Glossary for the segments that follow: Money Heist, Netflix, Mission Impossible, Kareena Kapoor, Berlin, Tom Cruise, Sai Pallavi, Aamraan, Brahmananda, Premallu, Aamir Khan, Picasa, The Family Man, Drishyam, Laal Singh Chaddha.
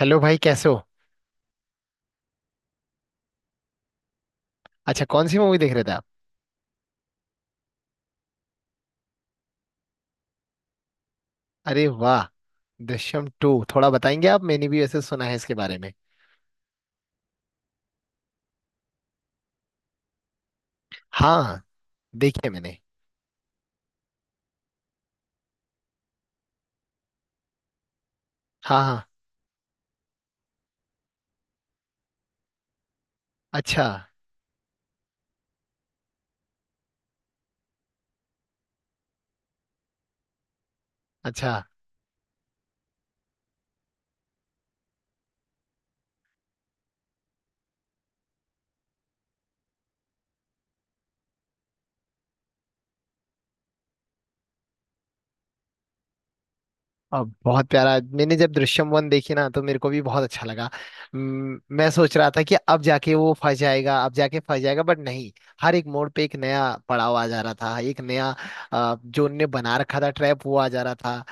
Hello भाई, कैसे हो। अच्छा, कौन सी मूवी देख रहे थे आप? अरे वाह। दृश्यम टू थोड़ा बताएंगे आप, मैंने भी वैसे सुना है इसके बारे में। हाँ, देखी है मैंने। हाँ हाँ। अच्छा। अच्छा, अब बहुत प्यारा। मैंने जब दृश्यम वन देखी ना तो मेरे को भी बहुत अच्छा लगा। मैं सोच रहा था कि अब जाके वो फंस जाएगा, अब जाके फंस जाएगा, बट नहीं। हर एक मोड़ पे एक नया पड़ाव आ जा रहा था, एक नया जो उनने बना रखा था ट्रैप वो आ जा रहा था।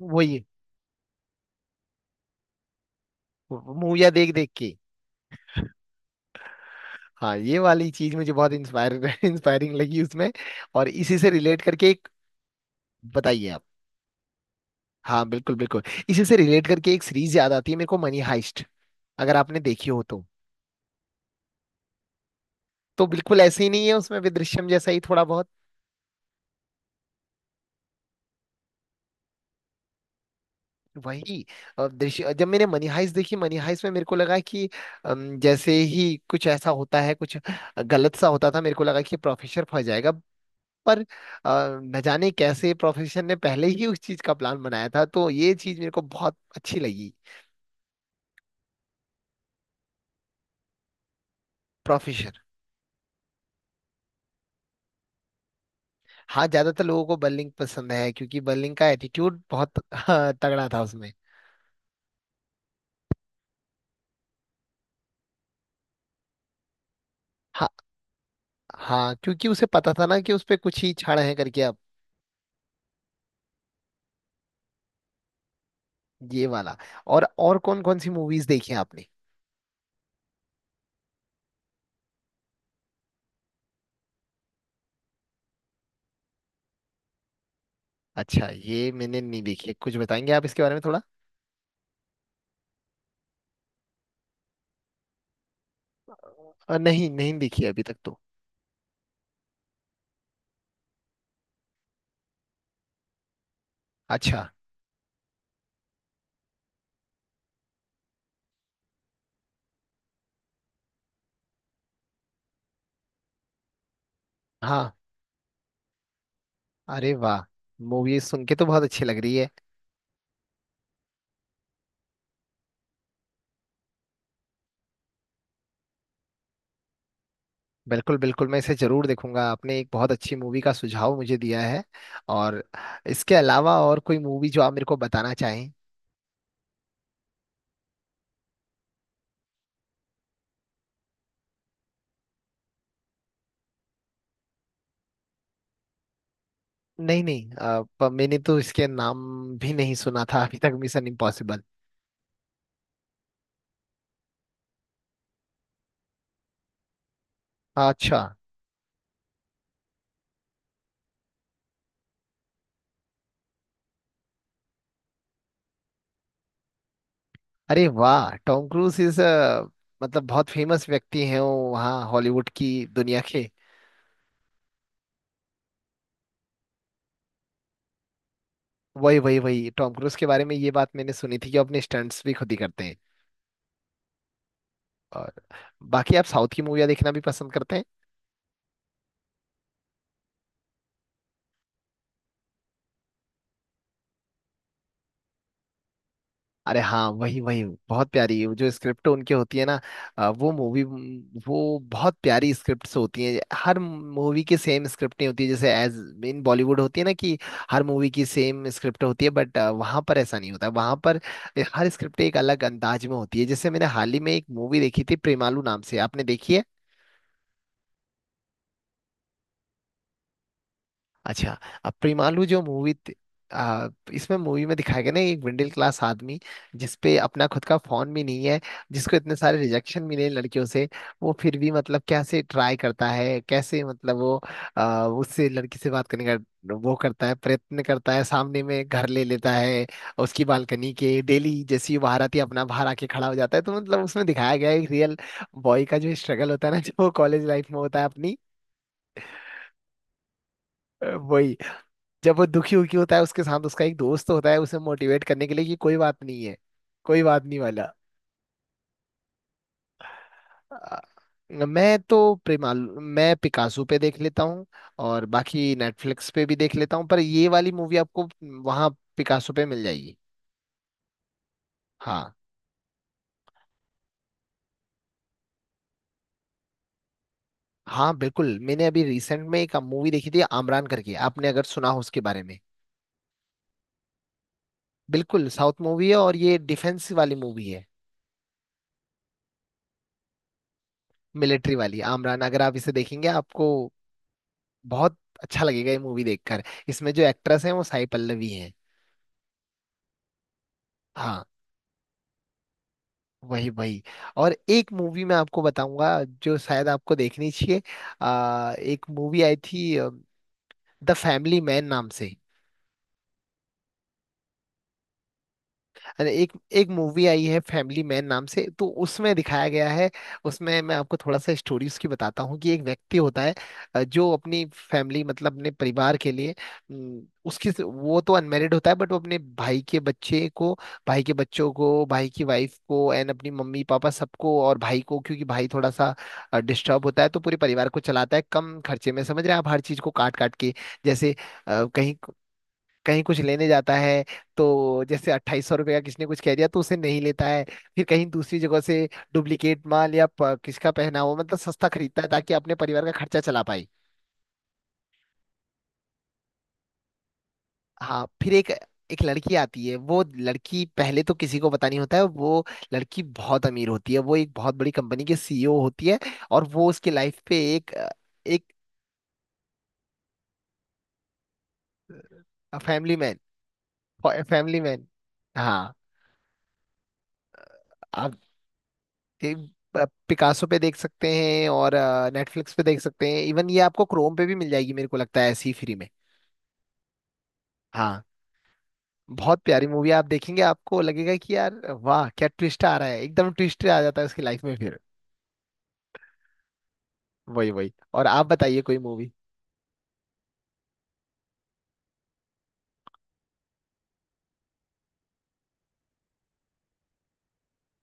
वही, मूवियाँ देख देख के। हाँ, ये वाली चीज मुझे बहुत इंस्पायर इंस्पायरिंग लगी उसमें। और इसी से रिलेट करके एक, बताइए आप। हाँ बिल्कुल बिल्कुल। इसी से रिलेट करके एक सीरीज याद आती है मेरे को, मनी हाइस्ट, अगर आपने देखी हो तो। तो बिल्कुल ऐसे ही नहीं है, उसमें भी दृश्यम जैसा ही थोड़ा बहुत। वही। दृश्य, जब मैंने मनी हाइस्ट देखी, मनी हाइस्ट में मेरे को लगा कि जैसे ही कुछ ऐसा होता है, कुछ गलत सा होता था, मेरे को लगा कि प्रोफेसर फंस जाएगा। पर न जाने कैसे प्रोफेसर ने पहले ही उस चीज का प्लान बनाया था, तो ये चीज मेरे को बहुत अच्छी लगी। प्रोफेसर। हाँ, ज्यादातर लोगों को बर्लिंग पसंद है, क्योंकि बर्लिंग का एटीट्यूड बहुत, हाँ, तगड़ा था उसमें। हाँ। हाँ, क्योंकि उसे पता था ना कि उस पे कुछ ही छाड़ है करके अब। ये वाला, और कौन कौन सी मूवीज देखी हैं आपने? अच्छा, ये मैंने नहीं देखी है। कुछ बताएंगे आप इसके बारे में थोड़ा? नहीं, नहीं देखी है अभी तक तो। अच्छा। हाँ। अरे वाह, मूवी सुन के तो बहुत अच्छी लग रही है। बिल्कुल बिल्कुल, मैं इसे जरूर देखूंगा। आपने एक बहुत अच्छी मूवी का सुझाव मुझे दिया है। और इसके अलावा और कोई मूवी जो आप मेरे को बताना चाहें? नहीं नहीं, मैंने तो इसके नाम भी नहीं सुना था अभी तक, मिशन इम्पॉसिबल। अच्छा। अरे वाह, टॉम क्रूज इज, मतलब बहुत फेमस व्यक्ति हैं वो वहाँ हॉलीवुड की दुनिया के। वही वही वही, टॉम क्रूज के बारे में ये बात मैंने सुनी थी कि वो अपने स्टंट्स भी खुद ही करते हैं। और बाकी आप साउथ की मूवियाँ देखना भी पसंद करते हैं? अरे हाँ, वही वही। बहुत प्यारी है। वो जो स्क्रिप्ट उनकी होती है ना, वो मूवी, वो बहुत प्यारी स्क्रिप्ट्स होती हैं। हर मूवी की सेम स्क्रिप्ट नहीं होती है जैसे एज इन बॉलीवुड होती है ना कि हर मूवी की सेम स्क्रिप्ट होती है। बट वहाँ पर ऐसा नहीं होता, वहाँ पर हर स्क्रिप्ट एक अलग अंदाज में होती है। जैसे मैंने हाल ही में एक मूवी देखी थी प्रेमालू नाम से, आपने देखी है? अच्छा, अब प्रेमालू जो मूवी, आ, इसमें, मूवी में दिखाया गया ना, एक मिडिल क्लास आदमी, जिसपे अपना खुद का फोन भी नहीं है, जिसको इतने सारे रिजेक्शन मिले हैं लड़कियों से, वो फिर भी मतलब कैसे ट्राई करता है, कैसे मतलब वो उससे, लड़की से बात करने का वो करता है, प्रयत्न करता है, सामने में घर ले लेता है उसकी बालकनी के। डेली जैसी वो बाहर आती है अपना, बाहर आके खड़ा हो जाता है। तो मतलब उसमें दिखाया गया है एक रियल बॉय का जो स्ट्रगल होता है ना जो कॉलेज लाइफ में होता है अपनी। वही, जब वो दुखी उखी होता है, उसके साथ उसका एक दोस्त होता है उसे मोटिवेट करने के लिए कि कोई बात नहीं है, कोई बात नहीं वाला। आ, मैं तो प्रेमाल मैं पिकासो पे देख लेता हूँ, और बाकी नेटफ्लिक्स पे भी देख लेता हूँ। पर ये वाली मूवी आपको वहाँ पिकासो पे मिल जाएगी। हाँ। हाँ बिल्कुल, मैंने अभी रिसेंट में एक मूवी देखी थी, आमरान करके, आपने अगर सुना हो उसके बारे में। बिल्कुल साउथ मूवी है, और ये डिफेंस वाली मूवी है। मिलिट्री वाली, आमरान, अगर आप इसे देखेंगे आपको बहुत अच्छा लगेगा ये मूवी देखकर। इसमें जो एक्ट्रेस हैं वो साई पल्लवी हैं। हाँ। वही वही, और एक मूवी मैं आपको बताऊंगा जो शायद आपको देखनी चाहिए। एक मूवी आई थी द फैमिली मैन नाम से। अरे एक, एक मूवी आई है फैमिली मैन नाम से, तो उसमें दिखाया गया है। उसमें मैं आपको थोड़ा सा स्टोरी उसकी बताता हूँ कि एक व्यक्ति होता है, जो अपनी फैमिली मतलब अपने परिवार के लिए, उसकी, वो तो अनमेरिड होता है, बट वो अपने भाई के बच्चे को, भाई के बच्चों को, भाई की वाइफ को, एंड अपनी मम्मी पापा सबको, और भाई को, क्योंकि भाई थोड़ा सा डिस्टर्ब होता है, तो पूरे परिवार को चलाता है कम खर्चे में। समझ रहे हैं आप, हर चीज को काट काट के, जैसे कहीं, कहीं कुछ लेने जाता है तो जैसे अट्ठाईस सौ रुपये का किसने कुछ कह दिया तो उसे नहीं लेता है, फिर कहीं दूसरी जगह से डुप्लीकेट माल या किसका पहना हो, मतलब सस्ता खरीदता है ताकि अपने परिवार का खर्चा चला पाए। हाँ, फिर एक, एक लड़की आती है। वो लड़की पहले तो किसी को पता नहीं होता है, वो लड़की बहुत अमीर होती है, वो एक बहुत बड़ी कंपनी की सीईओ होती है, और वो उसकी लाइफ पे एक, एक, फैमिली मैन, फैमिली मैन। हाँ। आप एक पिकासो पे देख सकते हैं, और नेटफ्लिक्स पे देख सकते हैं, इवन ये आपको क्रोम पे भी मिल जाएगी मेरे को लगता है ऐसी, फ्री में। हाँ। बहुत प्यारी मूवी, आप देखेंगे आपको लगेगा कि यार वाह क्या ट्विस्ट आ रहा है, एकदम ट्विस्ट आ जाता है उसकी लाइफ में फिर। वही वही, और आप बताइए कोई मूवी।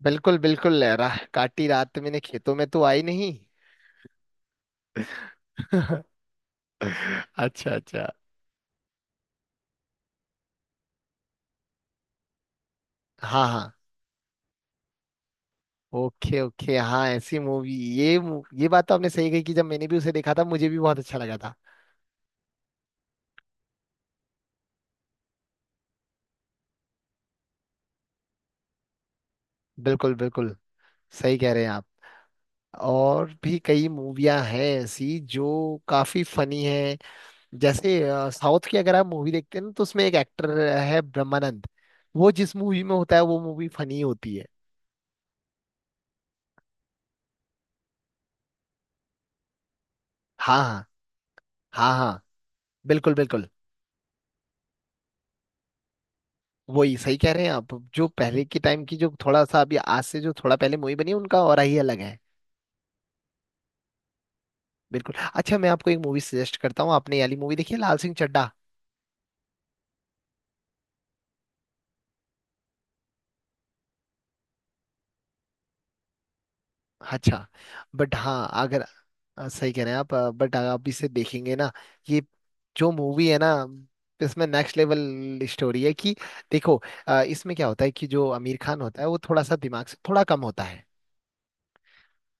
बिल्कुल बिल्कुल, राह काटी रात मैंने खेतों में, तो आई नहीं अच्छा अच्छा। हाँ हाँ, ओके ओके, हाँ ऐसी मूवी। ये बात तो आपने सही कही कि जब मैंने भी उसे देखा था, मुझे भी बहुत अच्छा लगा था। बिल्कुल बिल्कुल, सही कह रहे हैं आप। और भी कई मूवियां हैं ऐसी जो काफी फनी हैं, जैसे साउथ की, अगर आप मूवी देखते हैं ना तो उसमें एक एक्टर है ब्रह्मानंद, वो जिस मूवी में होता है वो मूवी फनी होती है। हाँ हाँ। हाँ हाँ। बिल्कुल बिल्कुल। वही, सही कह रहे हैं आप, जो पहले के टाइम की, जो थोड़ा सा अभी आज से जो थोड़ा पहले मूवी बनी है उनका और ही अलग है। बिल्कुल। अच्छा, मैं आपको एक मूवी सजेस्ट करता हूँ, आपने ये वाली मूवी देखी है, लाल सिंह चड्ढा? अच्छा, बट हाँ अगर, सही कह रहे हैं आप, बट आप इसे देखेंगे ना, ये जो मूवी है ना, इसमें नेक्स्ट लेवल स्टोरी है कि, देखो, इसमें क्या होता है कि जो आमिर खान होता है वो थोड़ा सा दिमाग से थोड़ा कम होता है।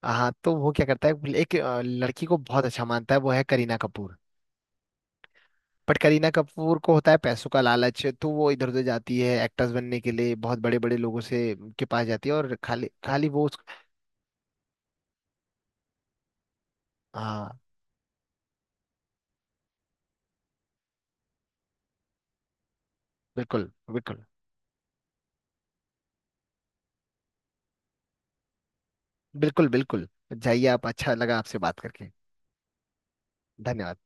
हाँ तो वो क्या करता है, एक लड़की को बहुत अच्छा मानता है, वो है करीना कपूर। बट करीना कपूर को होता है पैसों का लालच, तो वो इधर उधर जाती है एक्टर्स बनने के लिए, बहुत बड़े बड़े लोगों से, के पास जाती है और खाली खाली वो उस, हाँ बिल्कुल बिल्कुल। बिल्कुल बिल्कुल, जाइए आप, अच्छा लगा आपसे बात करके। धन्यवाद।